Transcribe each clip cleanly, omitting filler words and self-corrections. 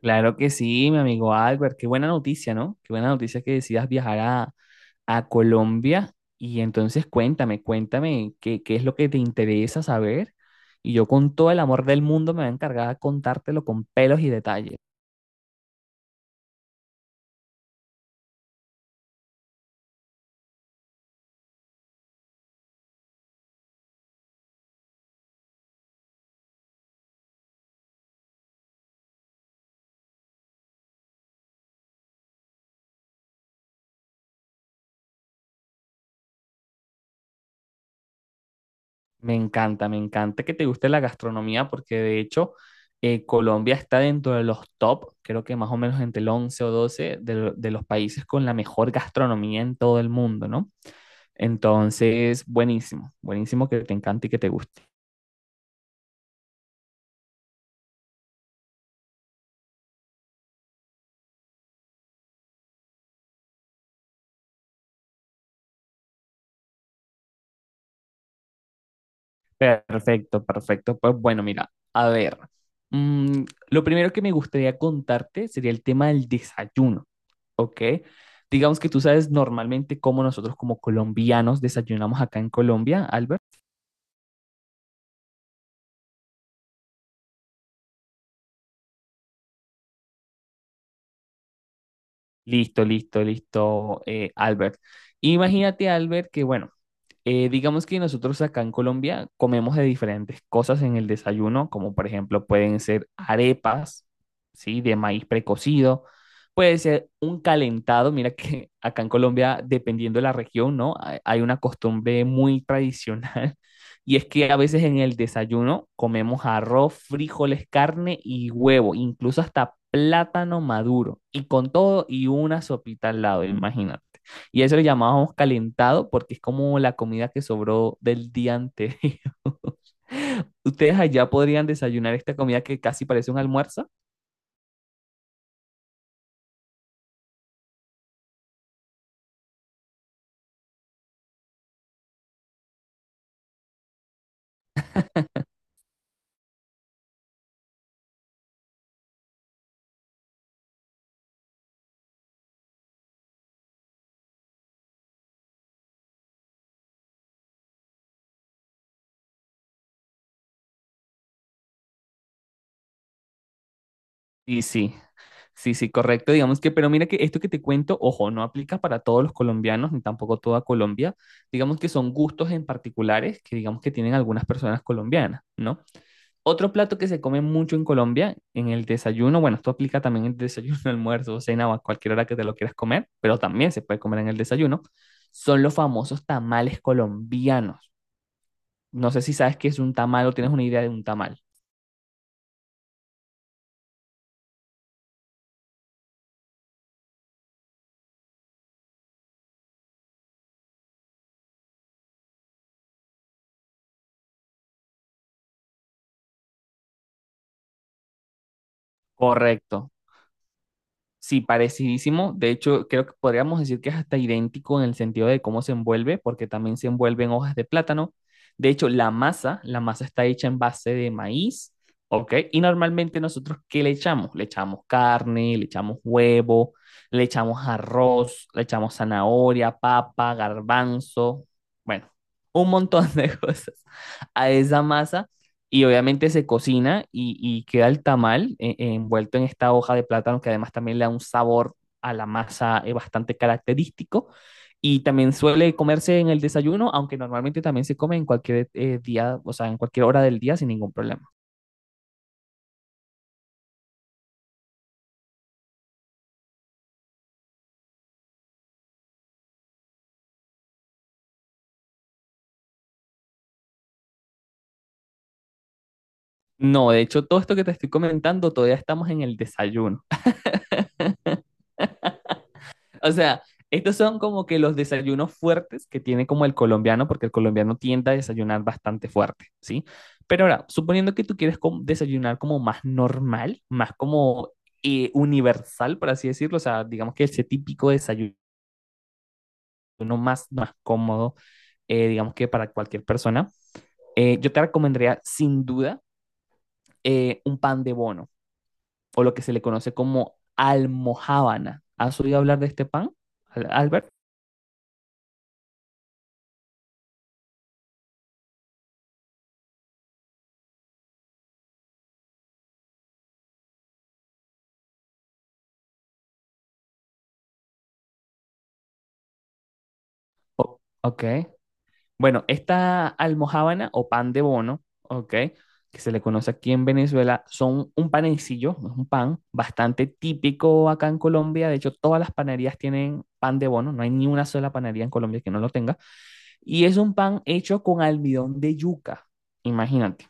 Claro que sí, mi amigo Albert. Qué buena noticia, ¿no? Qué buena noticia que decidas viajar a Colombia. Y entonces cuéntame, qué es lo que te interesa saber. Y yo con todo el amor del mundo me voy a encargar de contártelo con pelos y detalles. Me encanta que te guste la gastronomía porque de hecho Colombia está dentro de los top, creo que más o menos entre el 11 o 12 de, de los países con la mejor gastronomía en todo el mundo, ¿no? Entonces, buenísimo que te encante y que te guste. Perfecto, perfecto. Pues bueno, mira, a ver, lo primero que me gustaría contarte sería el tema del desayuno, ¿ok? Digamos que tú sabes normalmente cómo nosotros como colombianos desayunamos acá en Colombia, Albert. Listo, Albert. Imagínate, Albert, que bueno, digamos que nosotros acá en Colombia comemos de diferentes cosas en el desayuno, como por ejemplo pueden ser arepas, ¿sí? De maíz precocido, puede ser un calentado, mira que acá en Colombia, dependiendo de la región, ¿no? Hay una costumbre muy tradicional y es que a veces en el desayuno comemos arroz, frijoles, carne y huevo, incluso hasta plátano maduro y con todo y una sopita al lado, imagínate. Y eso lo llamábamos calentado porque es como la comida que sobró del día anterior. Ustedes allá podrían desayunar esta comida que casi parece un almuerzo. Y sí, sí, sí, correcto. Digamos que, pero mira que esto que te cuento, ojo, no aplica para todos los colombianos ni tampoco toda Colombia. Digamos que son gustos en particulares que digamos que tienen algunas personas colombianas, ¿no? Otro plato que se come mucho en Colombia, en el desayuno, bueno, esto aplica también en el desayuno, almuerzo, cena o a cualquier hora que te lo quieras comer, pero también se puede comer en el desayuno, son los famosos tamales colombianos. No sé si sabes qué es un tamal o tienes una idea de un tamal. Correcto. Sí, parecidísimo. De hecho, creo que podríamos decir que es hasta idéntico en el sentido de cómo se envuelve, porque también se envuelve en hojas de plátano. De hecho, la masa está hecha en base de maíz, ¿ok? Y normalmente nosotros, ¿qué le echamos? Le echamos carne, le echamos huevo, le echamos arroz, le echamos zanahoria, papa, garbanzo, bueno, un montón de cosas a esa masa y obviamente se cocina y queda el tamal envuelto en esta hoja de plátano que además también le da un sabor a la masa bastante característico y también suele comerse en el desayuno, aunque normalmente también se come en cualquier día, o sea, en cualquier hora del día sin ningún problema. No, de hecho, todo esto que te estoy comentando todavía estamos en el desayuno. O sea, estos son como que los desayunos fuertes que tiene como el colombiano, porque el colombiano tiende a desayunar bastante fuerte, ¿sí? Pero ahora, suponiendo que tú quieres desayunar como más normal, más como universal, por así decirlo, o sea, digamos que ese típico desayuno más cómodo, digamos que para cualquier persona, yo te recomendaría sin duda un pan de bono, o lo que se le conoce como almojábana. ¿Has oído hablar de este pan, Albert? O- ok. Bueno, esta almojábana o pan de bono, ¿ok? Que se le conoce aquí en Venezuela, son un panecillo, es un pan bastante típico acá en Colombia. De hecho, todas las panaderías tienen pan de bono, no hay ni una sola panadería en Colombia que no lo tenga. Y es un pan hecho con almidón de yuca, imagínate.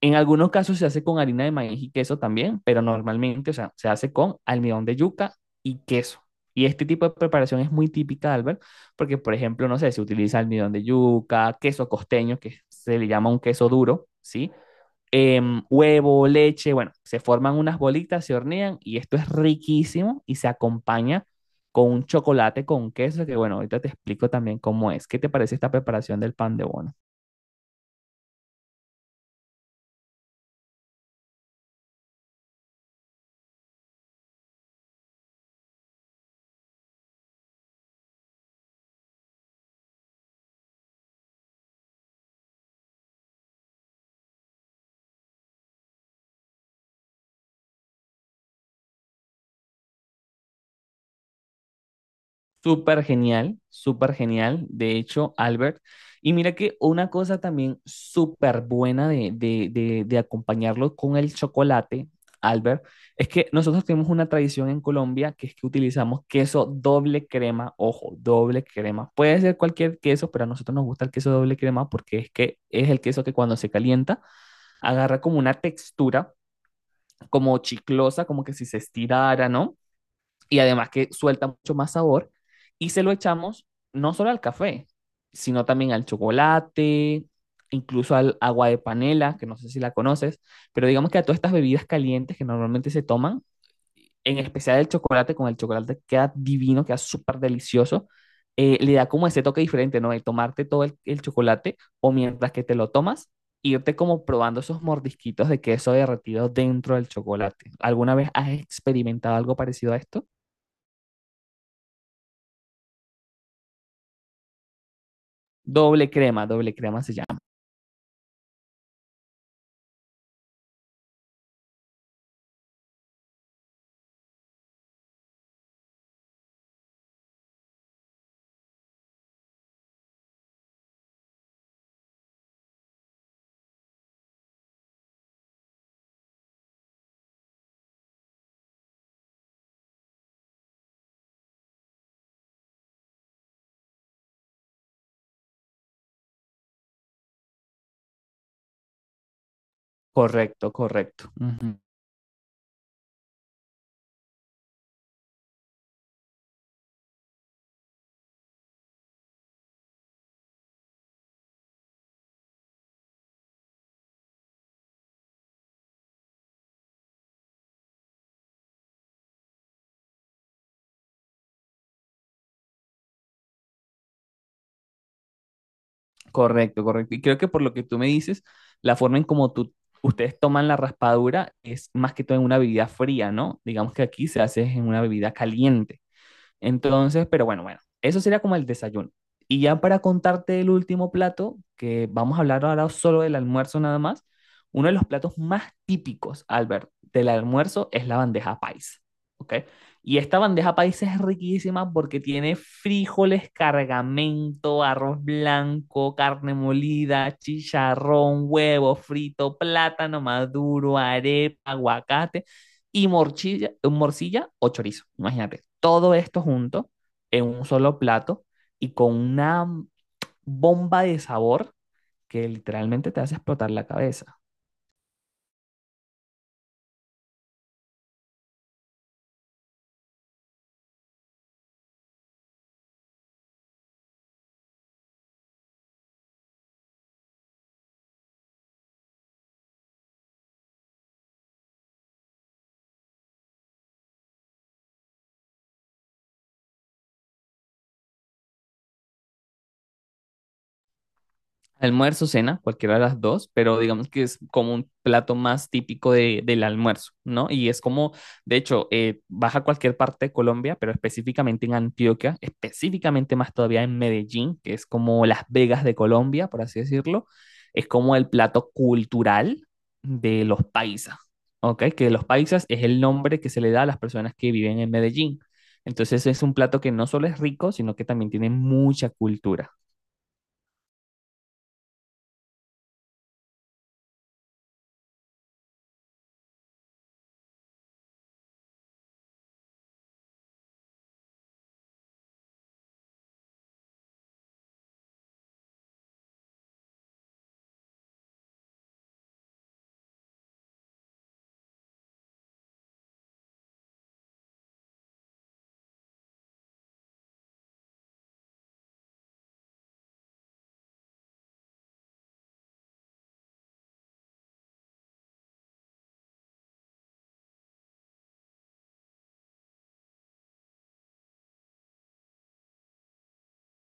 En algunos casos se hace con harina de maíz y queso también, pero normalmente, o sea, se hace con almidón de yuca y queso. Y este tipo de preparación es muy típica, de Albert, porque, por ejemplo, no sé, se utiliza almidón de yuca, queso costeño, que se le llama un queso duro, ¿sí? Huevo, leche, bueno, se forman unas bolitas, se hornean y esto es riquísimo y se acompaña con un chocolate con queso, que bueno, ahorita te explico también cómo es. ¿Qué te parece esta preparación del pan de bono? Súper genial, súper genial. De hecho, Albert. Y mira que una cosa también súper buena de acompañarlo con el chocolate, Albert, es que nosotros tenemos una tradición en Colombia que es que utilizamos queso doble crema, ojo, doble crema. Puede ser cualquier queso, pero a nosotros nos gusta el queso doble crema porque es que es el queso que cuando se calienta agarra como una textura, como chiclosa, como que si se estirara, ¿no? y además que suelta mucho más sabor y se lo echamos no solo al café, sino también al chocolate, incluso al agua de panela, que no sé si la conoces, pero digamos que a todas estas bebidas calientes que normalmente se toman, en especial el chocolate, con el chocolate queda divino, queda súper delicioso, le da como ese toque diferente, ¿no? El tomarte todo el chocolate o mientras que te lo tomas, irte como probando esos mordisquitos de queso derretido dentro del chocolate. ¿Alguna vez has experimentado algo parecido a esto? Doble crema se llama. Correcto, correcto. Ujú. Correcto, correcto. Y creo que por lo que tú me dices, la forma en como tú, ustedes toman la raspadura es más que todo en una bebida fría, ¿no? Digamos que aquí se hace en una bebida caliente. Entonces, pero bueno, bueno, eso sería como el desayuno. Y ya para contarte el último plato, que vamos a hablar ahora solo del almuerzo nada más, uno de los platos más típicos, Albert, del almuerzo es la bandeja paisa, ¿ok? Y esta bandeja paisa es riquísima porque tiene frijoles, cargamento, arroz blanco, carne molida, chicharrón, huevo frito, plátano maduro, arepa, aguacate y morcilla o chorizo. Imagínate, todo esto junto en un solo plato y con una bomba de sabor que literalmente te hace explotar la cabeza. Almuerzo, cena, cualquiera de las dos, pero digamos que es como un plato más típico de, del almuerzo, ¿no? Y es como, de hecho, vas a cualquier parte de Colombia, pero específicamente en Antioquia, específicamente más todavía en Medellín, que es como Las Vegas de Colombia, por así decirlo, es como el plato cultural de los paisas, ¿ok? Que los paisas es el nombre que se le da a las personas que viven en Medellín. Entonces es un plato que no solo es rico, sino que también tiene mucha cultura.